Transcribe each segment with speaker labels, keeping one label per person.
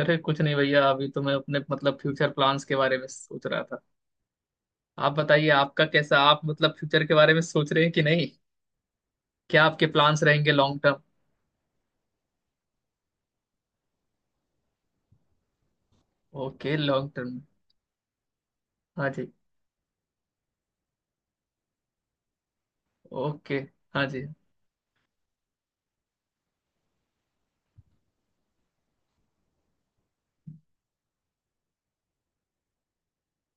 Speaker 1: अरे कुछ नहीं भैया, अभी तो मैं अपने मतलब फ्यूचर प्लान्स के बारे में सोच रहा था। आप बताइए, आपका कैसा, आप मतलब फ्यूचर के बारे में सोच रहे हैं कि नहीं। क्या आपके प्लान्स रहेंगे long term? Okay, long term. हाँ जी। ओके। हाँ जी।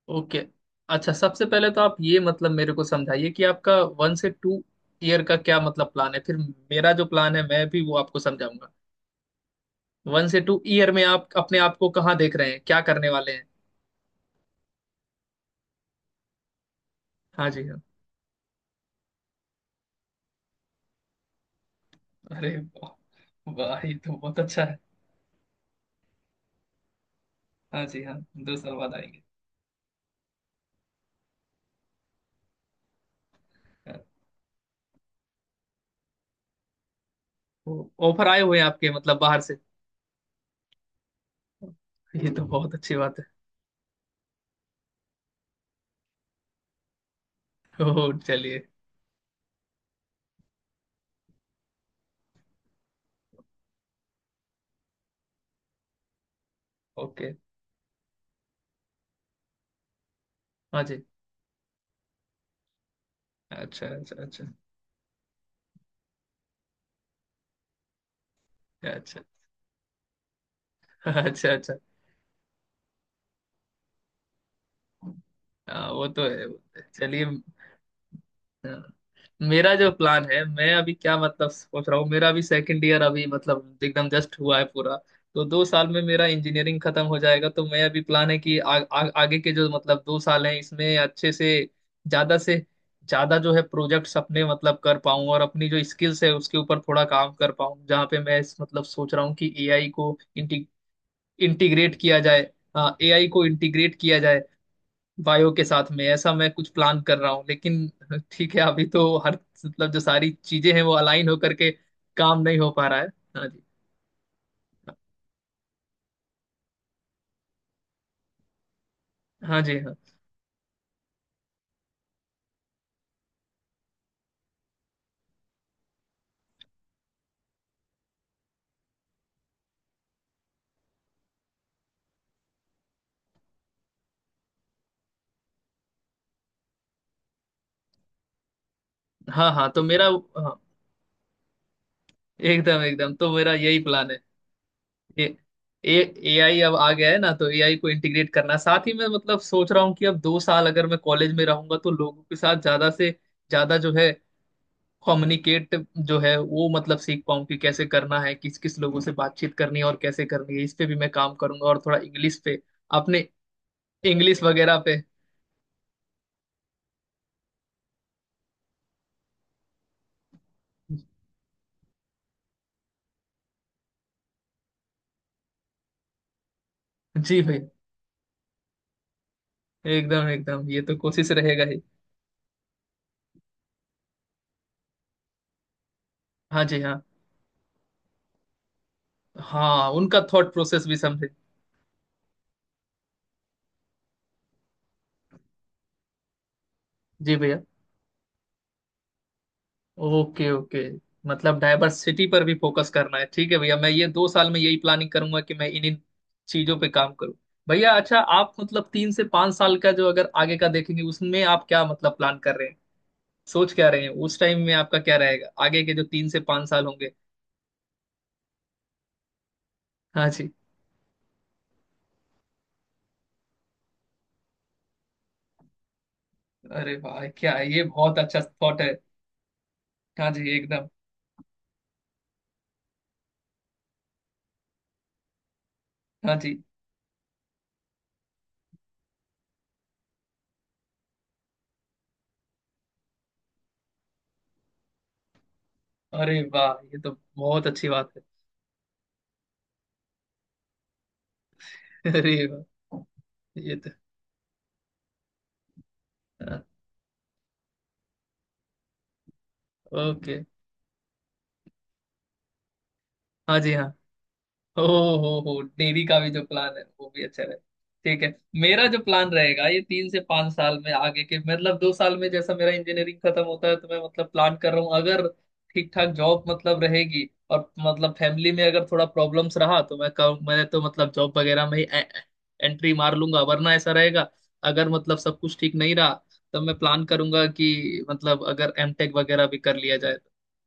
Speaker 1: ओके। अच्छा, सबसे पहले तो आप ये मतलब मेरे को समझाइए कि आपका 1 से 2 ईयर का क्या मतलब प्लान है फिर। मेरा जो प्लान है मैं भी वो आपको समझाऊंगा। 1 से 2 ईयर में आप अपने आप को कहाँ देख रहे हैं, क्या करने वाले हैं? हाँ जी हाँ। अरे वाह वाह, ये तो बहुत अच्छा है। हाँ जी हाँ। 2 साल बाद आएंगे? हाँ, तो ऑफर आए हुए हैं आपके मतलब बाहर से? ये तो बहुत अच्छी बात है। ओह, चलिए। ओके। हाँ जी। अच्छा अच्छा अच्छा। अच्छा अच्छा अच्छा। अच्छा। हाँ, वो तो है वो तो है। चलिए। हाँ। मेरा जो प्लान है मैं अभी क्या मतलब सोच रहा हूँ, मेरा अभी सेकंड ईयर अभी मतलब एकदम जस्ट हुआ है पूरा। तो 2 साल में मेरा इंजीनियरिंग खत्म हो जाएगा, तो मैं अभी प्लान है कि आ, आ, आगे के जो मतलब 2 साल हैं इसमें अच्छे से ज्यादा जो है प्रोजेक्ट्स अपने मतलब कर पाऊँ और अपनी जो स्किल्स है उसके ऊपर थोड़ा काम कर पाऊँ। जहाँ पे मैं इस मतलब सोच रहा हूँ कि एआई को इंटीग्रेट किया जाए। एआई को इंटीग्रेट किया जाए बायो के साथ में, ऐसा मैं कुछ प्लान कर रहा हूँ। लेकिन ठीक है अभी तो हर मतलब जो सारी चीजें हैं वो अलाइन होकर के काम नहीं हो पा रहा है। हाँ जी। हाँ जी हाँ। हाँ हाँ तो मेरा हाँ, एकदम एकदम तो मेरा यही प्लान है। ए ए आई अब आ गया है ना, तो ए आई को इंटीग्रेट करना। साथ ही मैं मतलब सोच रहा हूँ कि अब 2 साल अगर मैं कॉलेज में रहूंगा तो लोगों के साथ ज्यादा से ज्यादा जो है कम्युनिकेट जो है वो मतलब सीख पाऊँ कि कैसे करना है, किस किस लोगों से बातचीत करनी है और कैसे करनी है। इस पे भी मैं काम करूंगा, और थोड़ा इंग्लिश पे अपने इंग्लिश वगैरह पे। जी भाई। एकदम एकदम, ये तो कोशिश रहेगा ही। हाँ जी हाँ। हाँ, उनका थॉट प्रोसेस भी समझे। जी भैया। Okay okay. मतलब डाइवर्सिटी पर भी फोकस करना है, ठीक है भैया। मैं ये 2 साल में यही प्लानिंग करूंगा कि मैं इन इन चीजों पे काम करूँ। भैया, अच्छा, आप मतलब 3 से 5 साल का जो अगर आगे का देखेंगे उसमें आप क्या मतलब प्लान कर रहे हैं, सोच क्या रहे हैं? उस टाइम में आपका क्या रहेगा, आगे के जो 3 से 5 साल होंगे? हाँ जी। अरे वाह, क्या है ये, बहुत अच्छा थॉट है। हाँ जी एकदम। हाँ जी। अरे वाह, ये तो बहुत अच्छी बात है। अरे वाह, ये तो। ओके। हाँ okay। हाँ जी हाँ। हो हो, डेयरी का भी जो प्लान है वो भी अच्छा रहे। ठीक है। मेरा जो प्लान रहेगा ये 3 से 5 साल में, आगे के मतलब 2 साल में जैसा मेरा इंजीनियरिंग खत्म होता है तो मैं मतलब प्लान कर रहा हूँ अगर ठीक ठाक जॉब मतलब रहेगी और मतलब फैमिली में अगर थोड़ा प्रॉब्लम्स रहा, तो मैं कहूँ मैं तो मतलब जॉब वगैरह में ही एंट्री मार लूंगा, वरना ऐसा रहेगा। अगर मतलब सब कुछ ठीक नहीं रहा तब मैं प्लान करूंगा कि मतलब अगर एमटेक वगैरह भी कर लिया जाए।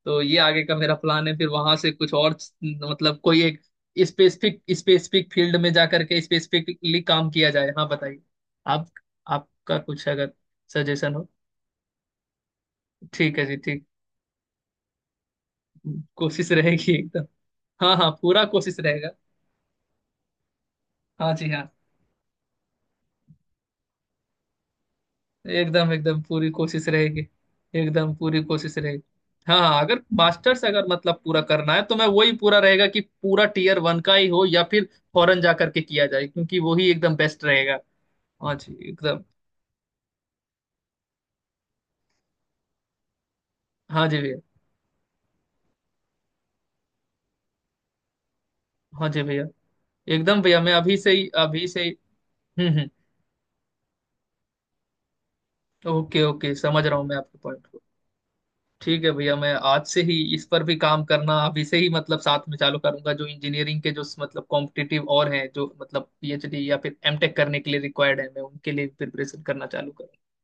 Speaker 1: तो ये आगे का मेरा प्लान है, फिर वहां से कुछ और मतलब कोई एक स्पेसिफिक स्पेसिफिक फील्ड में जा करके स्पेसिफिकली काम किया जाए। हाँ बताइए, आप आपका कुछ अगर सजेशन हो। ठीक है जी, ठीक। कोशिश रहेगी एकदम। हाँ हाँ, पूरा कोशिश रहेगा। हाँ जी हाँ। एकदम एकदम पूरी कोशिश रहेगी। एकदम पूरी कोशिश रहेगी। हाँ हाँ, अगर मास्टर्स अगर मतलब पूरा करना है तो मैं वही पूरा रहेगा कि पूरा टीयर वन का ही हो या फिर फॉरेन जा करके किया जाए, क्योंकि वही एकदम बेस्ट रहेगा। हाँ जी एकदम। हाँ जी भैया। हाँ जी भैया एकदम भैया, मैं अभी से ही अभी से ही। हम्म। ओके ओके, समझ रहा हूँ मैं आपके पॉइंट को। ठीक है भैया, मैं आज से ही इस पर भी काम करना अभी से ही मतलब साथ में चालू करूंगा। जो इंजीनियरिंग के जो मतलब कॉम्पिटिटिव और हैं, जो मतलब पीएचडी या फिर एमटेक करने के लिए रिक्वायर्ड है, मैं उनके लिए प्रिपरेशन करना चालू करूंगा।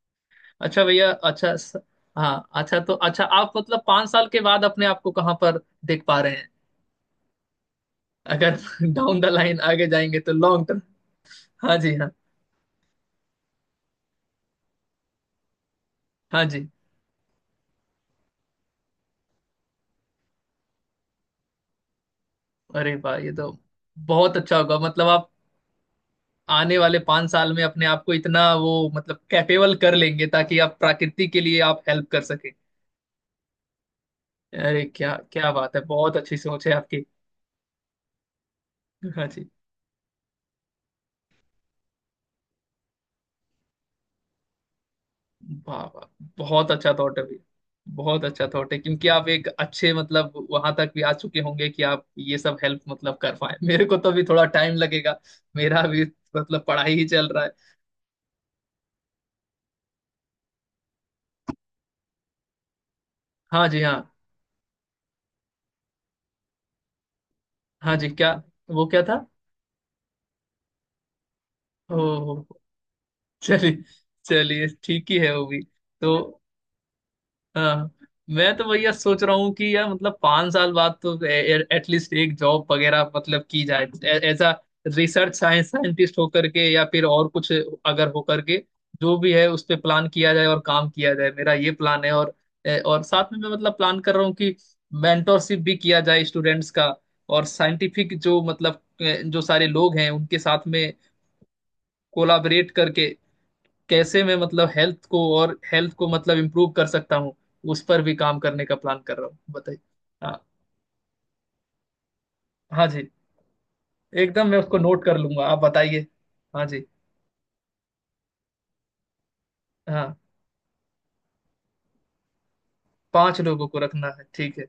Speaker 1: अच्छा भैया, हाँ अच्छा, तो अच्छा, आप मतलब 5 साल के बाद अपने आप को कहाँ पर देख पा रहे हैं, अगर डाउन द लाइन आगे जाएंगे तो लॉन्ग टर्म? हाँ जी हाँ। हाँ जी। अरे वाह, ये तो बहुत अच्छा होगा, मतलब आप आने वाले 5 साल में अपने आप को इतना वो मतलब कैपेबल कर लेंगे ताकि आप प्रकृति के लिए आप हेल्प कर सके। अरे, क्या क्या बात है, बहुत अच्छी सोच है आपकी। हाँ जी। वाह वाह, बहुत अच्छा थॉट है भैया। बहुत अच्छा थॉट है, क्योंकि आप एक अच्छे मतलब वहां तक भी आ चुके होंगे कि आप ये सब हेल्प मतलब कर पाए। मेरे को तो भी थोड़ा टाइम लगेगा, मेरा भी मतलब पढ़ाई ही चल रहा है। हाँ जी हाँ। हाँ जी, क्या वो क्या था? ओ, चलिए चलिए, ठीक ही है वो भी। तो हाँ, मैं तो भैया सोच रहा हूँ कि यार मतलब 5 साल बाद तो एटलीस्ट एक जॉब वगैरह मतलब की जाए, as a research science scientist होकर के या फिर और कुछ, अगर होकर के जो भी है उस पे प्लान किया जाए और काम किया जाए, मेरा ये प्लान है। और और साथ में मैं मतलब प्लान कर रहा हूँ कि मेंटोरशिप भी किया जाए स्टूडेंट्स का, और साइंटिफिक जो मतलब जो सारे लोग हैं उनके साथ में कोलाबरेट करके कैसे मैं मतलब हेल्थ को, और हेल्थ को मतलब इम्प्रूव कर सकता हूँ, उस पर भी काम करने का प्लान कर रहा हूँ। बताइए। हाँ। हाँ जी। एकदम, मैं उसको नोट कर लूंगा, आप बताइए। हाँ जी हाँ। पांच लोगों को रखना है, ठीक है।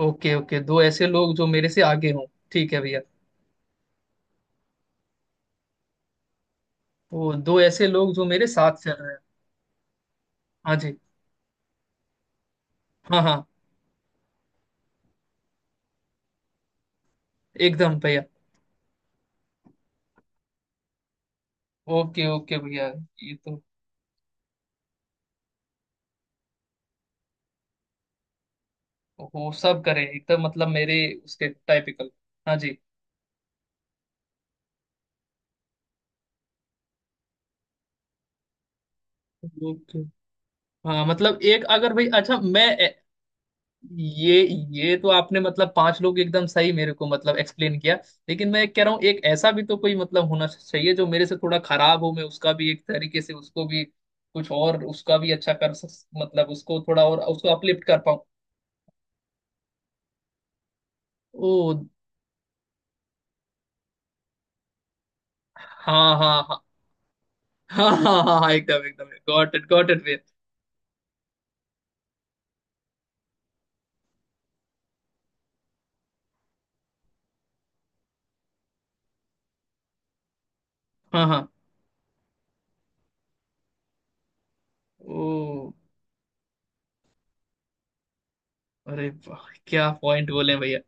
Speaker 1: ओके ओके, दो ऐसे लोग जो मेरे से आगे हों। ठीक है भैया। वो दो ऐसे लोग जो मेरे साथ चल रहे हैं। हाँ जी। हाँ हाँ। एकदम भैया। ओके ओके भैया। ये तो वो सब करें, एकदम मतलब मेरे उसके टाइपिकल। हाँ जी। ओके। हाँ मतलब एक अगर भाई, अच्छा मैं ये ये तो आपने मतलब पांच लोग एकदम सही मेरे को मतलब एक्सप्लेन किया। लेकिन मैं कह रहा हूँ एक ऐसा भी तो कोई मतलब होना चाहिए जो मेरे से थोड़ा खराब हो, मैं उसका भी एक तरीके से उसको भी कुछ और उसका भी अच्छा कर सक मतलब उसको थोड़ा और उसको अपलिफ्ट कर पाऊँ। ओ। हाँ हाँ हाँ। हाँ हाँ हाँ हाँ, एकदम एकदम, गॉट इट गॉट इट। हाँ हाँ। ओ। अरे वाह, क्या पॉइंट बोले भैया।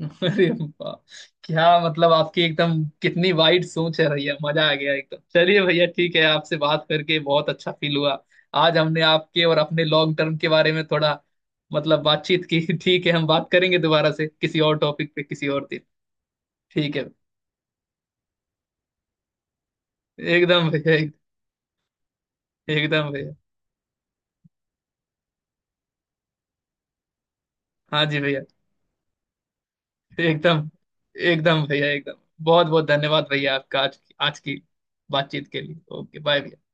Speaker 1: अरे वाह, क्या मतलब आपकी एकदम कितनी वाइड सोच है भैया, मजा आ गया एकदम। चलिए भैया, ठीक है, आपसे बात करके बहुत अच्छा फील हुआ। आज हमने आपके और अपने लॉन्ग टर्म के बारे में थोड़ा मतलब बातचीत की। ठीक है, हम बात करेंगे दोबारा से किसी और टॉपिक पे किसी और दिन। ठीक है। एकदम भैया एक, एकदम भैया। हाँ जी भैया। एकदम एकदम भैया एकदम। बहुत बहुत धन्यवाद भैया आपका, आज आज की बातचीत के लिए। ओके, बाय भैया।